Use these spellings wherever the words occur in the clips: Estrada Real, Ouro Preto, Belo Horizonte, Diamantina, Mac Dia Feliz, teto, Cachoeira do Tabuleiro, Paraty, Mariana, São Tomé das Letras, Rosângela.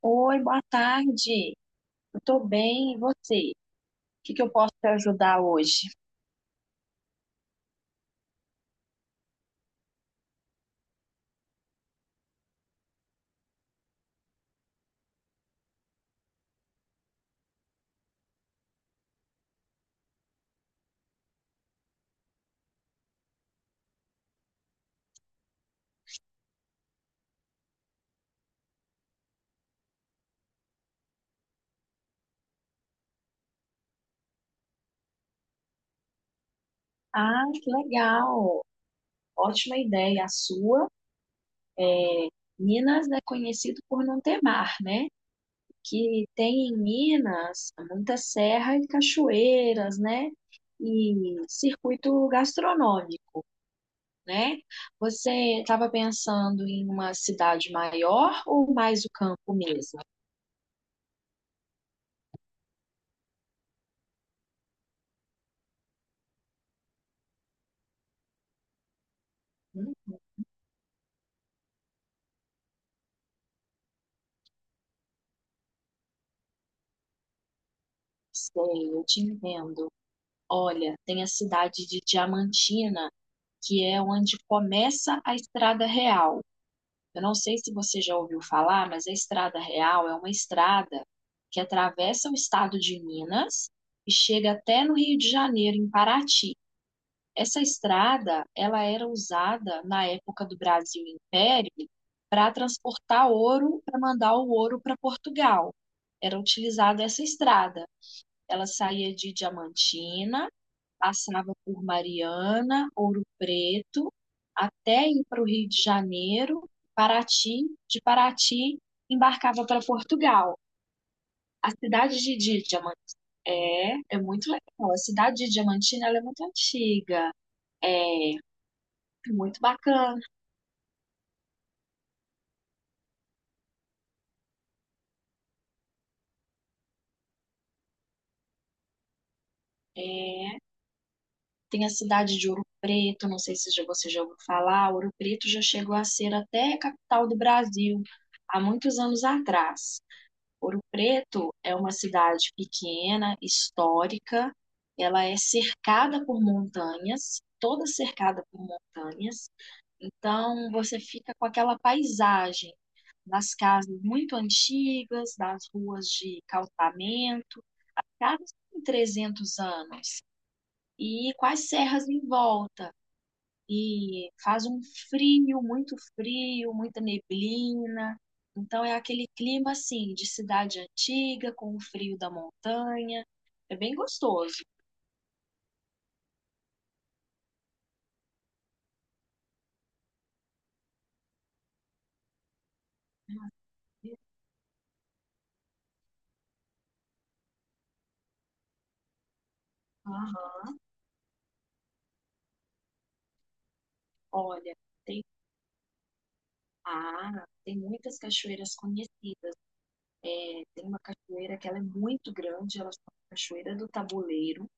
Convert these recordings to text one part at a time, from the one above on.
Oi, boa tarde. Eu tô bem, e você? O que eu posso te ajudar hoje? Ah, que legal. Ótima ideia a sua. Minas é conhecido por não ter mar, né? Que tem em Minas muita serra e cachoeiras, né? E circuito gastronômico, né? Você estava pensando em uma cidade maior ou mais o campo mesmo? Hum, Sei, eu te entendo. Olha, tem a cidade de Diamantina, que é onde começa a Estrada Real. Eu não sei se você já ouviu falar, mas a Estrada Real é uma estrada que atravessa o estado de Minas e chega até no Rio de Janeiro, em Paraty. Essa estrada, ela era usada na época do Brasil Império para transportar ouro, para mandar o ouro para Portugal. Era utilizada essa estrada. Ela saía de Diamantina, passava por Mariana, Ouro Preto, até ir para o Rio de Janeiro, Paraty, de Paraty embarcava para Portugal. A cidade de Diamantina é muito legal. A cidade de Diamantina ela é muito antiga, é muito bacana. É, tem a cidade de Ouro Preto, não sei se você já ouviu falar. Ouro Preto já chegou a ser até a capital do Brasil há muitos anos atrás. Ouro Preto é uma cidade pequena, histórica, ela é cercada por montanhas, toda cercada por montanhas, então você fica com aquela paisagem das casas muito antigas, das ruas de calçamento, casas com 300 anos, e com as serras em volta e faz um frio, muito frio, muita neblina. Então é aquele clima assim de cidade antiga com o frio da montanha. É bem gostoso. Aham. Olha, tem tem muitas cachoeiras conhecidas. Tem uma cachoeira que ela é muito grande, ela chama Cachoeira do Tabuleiro.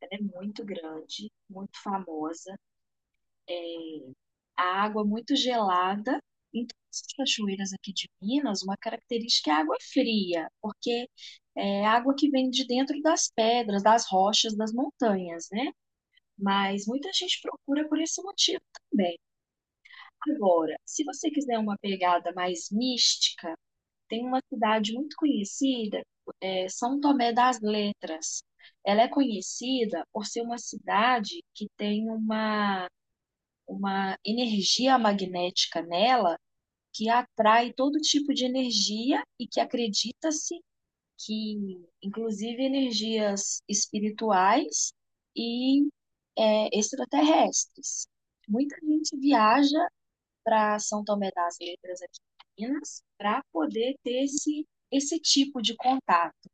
Ela é muito grande, muito famosa. É, a água muito gelada. Em todas as cachoeiras aqui de Minas, uma característica é a água fria, porque é água que vem de dentro das pedras, das rochas, das montanhas, né? Mas muita gente procura por esse motivo também. Agora, se você quiser uma pegada mais mística, tem uma cidade muito conhecida, é São Tomé das Letras. Ela é conhecida por ser uma cidade que tem uma energia magnética nela que atrai todo tipo de energia e que acredita-se que, inclusive, energias espirituais e extraterrestres. Muita gente viaja para São Tomé das Letras aqui em Minas para poder ter esse tipo de contato.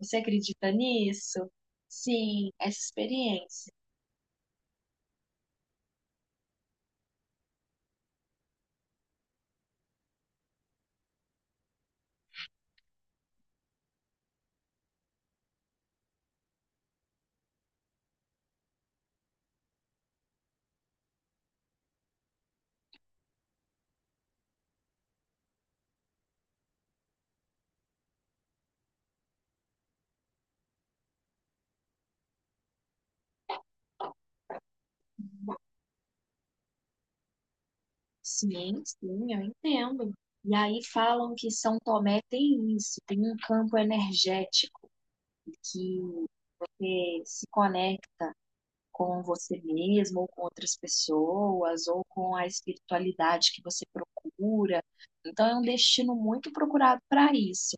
Você acredita nisso? Sim, essa experiência. Sim, sim, eu entendo. E aí falam que São Tomé tem isso, tem um campo energético que você se conecta com você mesmo, ou com outras pessoas, ou com a espiritualidade que você procura. Então, é um destino muito procurado para isso.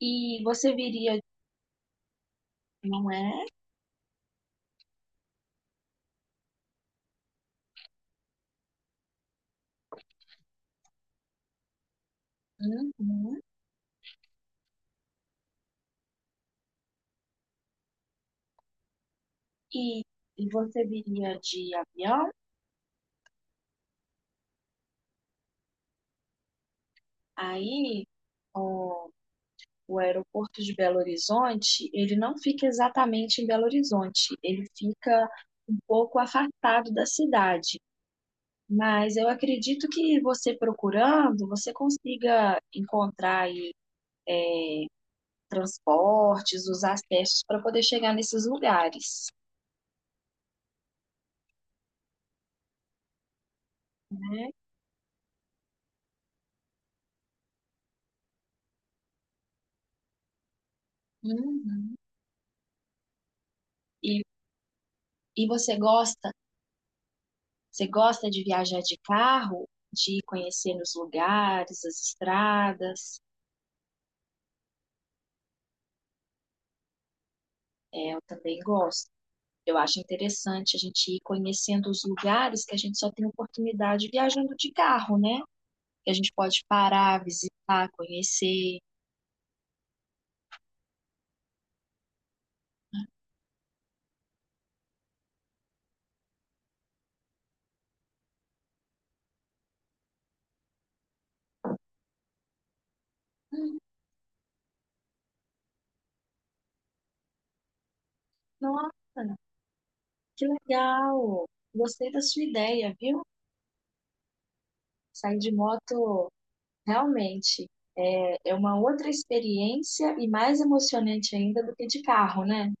E você viria, não é? Uhum. E, e você viria de avião, aí o, o aeroporto de Belo Horizonte, ele não fica exatamente em Belo Horizonte, ele fica um pouco afastado da cidade. Mas eu acredito que você procurando, você consiga encontrar aí transportes, os acessos para poder chegar nesses lugares. Uhum. E, e você gosta, você gosta de viajar de carro, de conhecer os lugares, as estradas? É, eu também gosto. Eu acho interessante a gente ir conhecendo os lugares que a gente só tem oportunidade viajando de carro, né? Que a gente pode parar, visitar, conhecer. Hum, Nossa. Que legal! Gostei da sua ideia, viu? Sair de moto realmente é uma outra experiência e mais emocionante ainda do que de carro, né?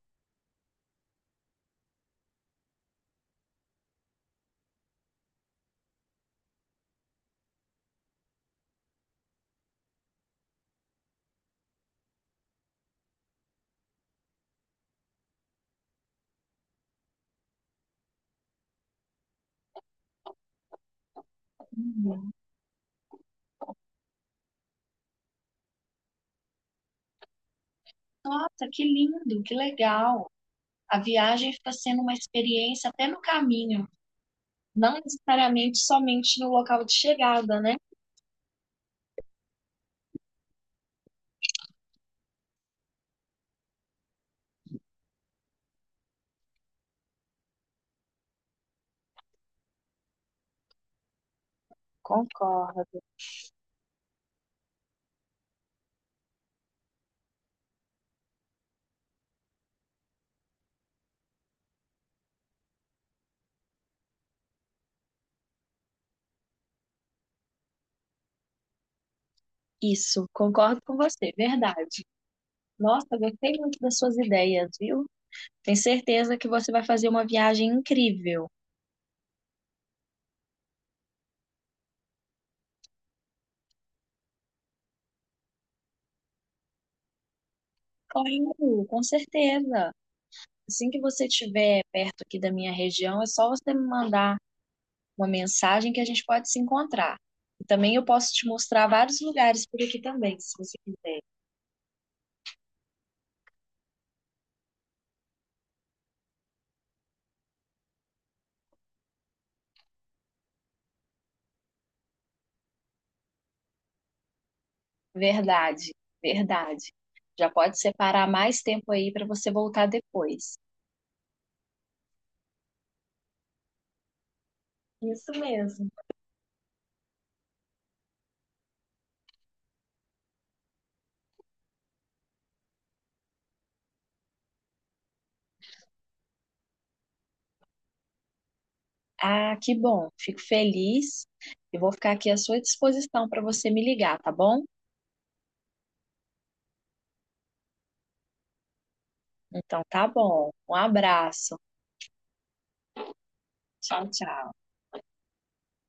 Uhum. Nossa, que lindo, que legal! A viagem fica sendo uma experiência até no caminho, não necessariamente somente no local de chegada, né? Concordo. Isso, concordo com você, verdade. Nossa, gostei muito das suas ideias, viu? Tenho certeza que você vai fazer uma viagem incrível. Claro, com certeza. Assim que você estiver perto aqui da minha região, é só você me mandar uma mensagem que a gente pode se encontrar. E também eu posso te mostrar vários lugares por aqui também, se você quiser. Verdade, verdade. Já pode separar mais tempo aí para você voltar depois. Isso mesmo. Ah, que bom. Fico feliz. Eu vou ficar aqui à sua disposição para você me ligar, tá bom? Então tá bom. Um abraço. Tchau, tchau.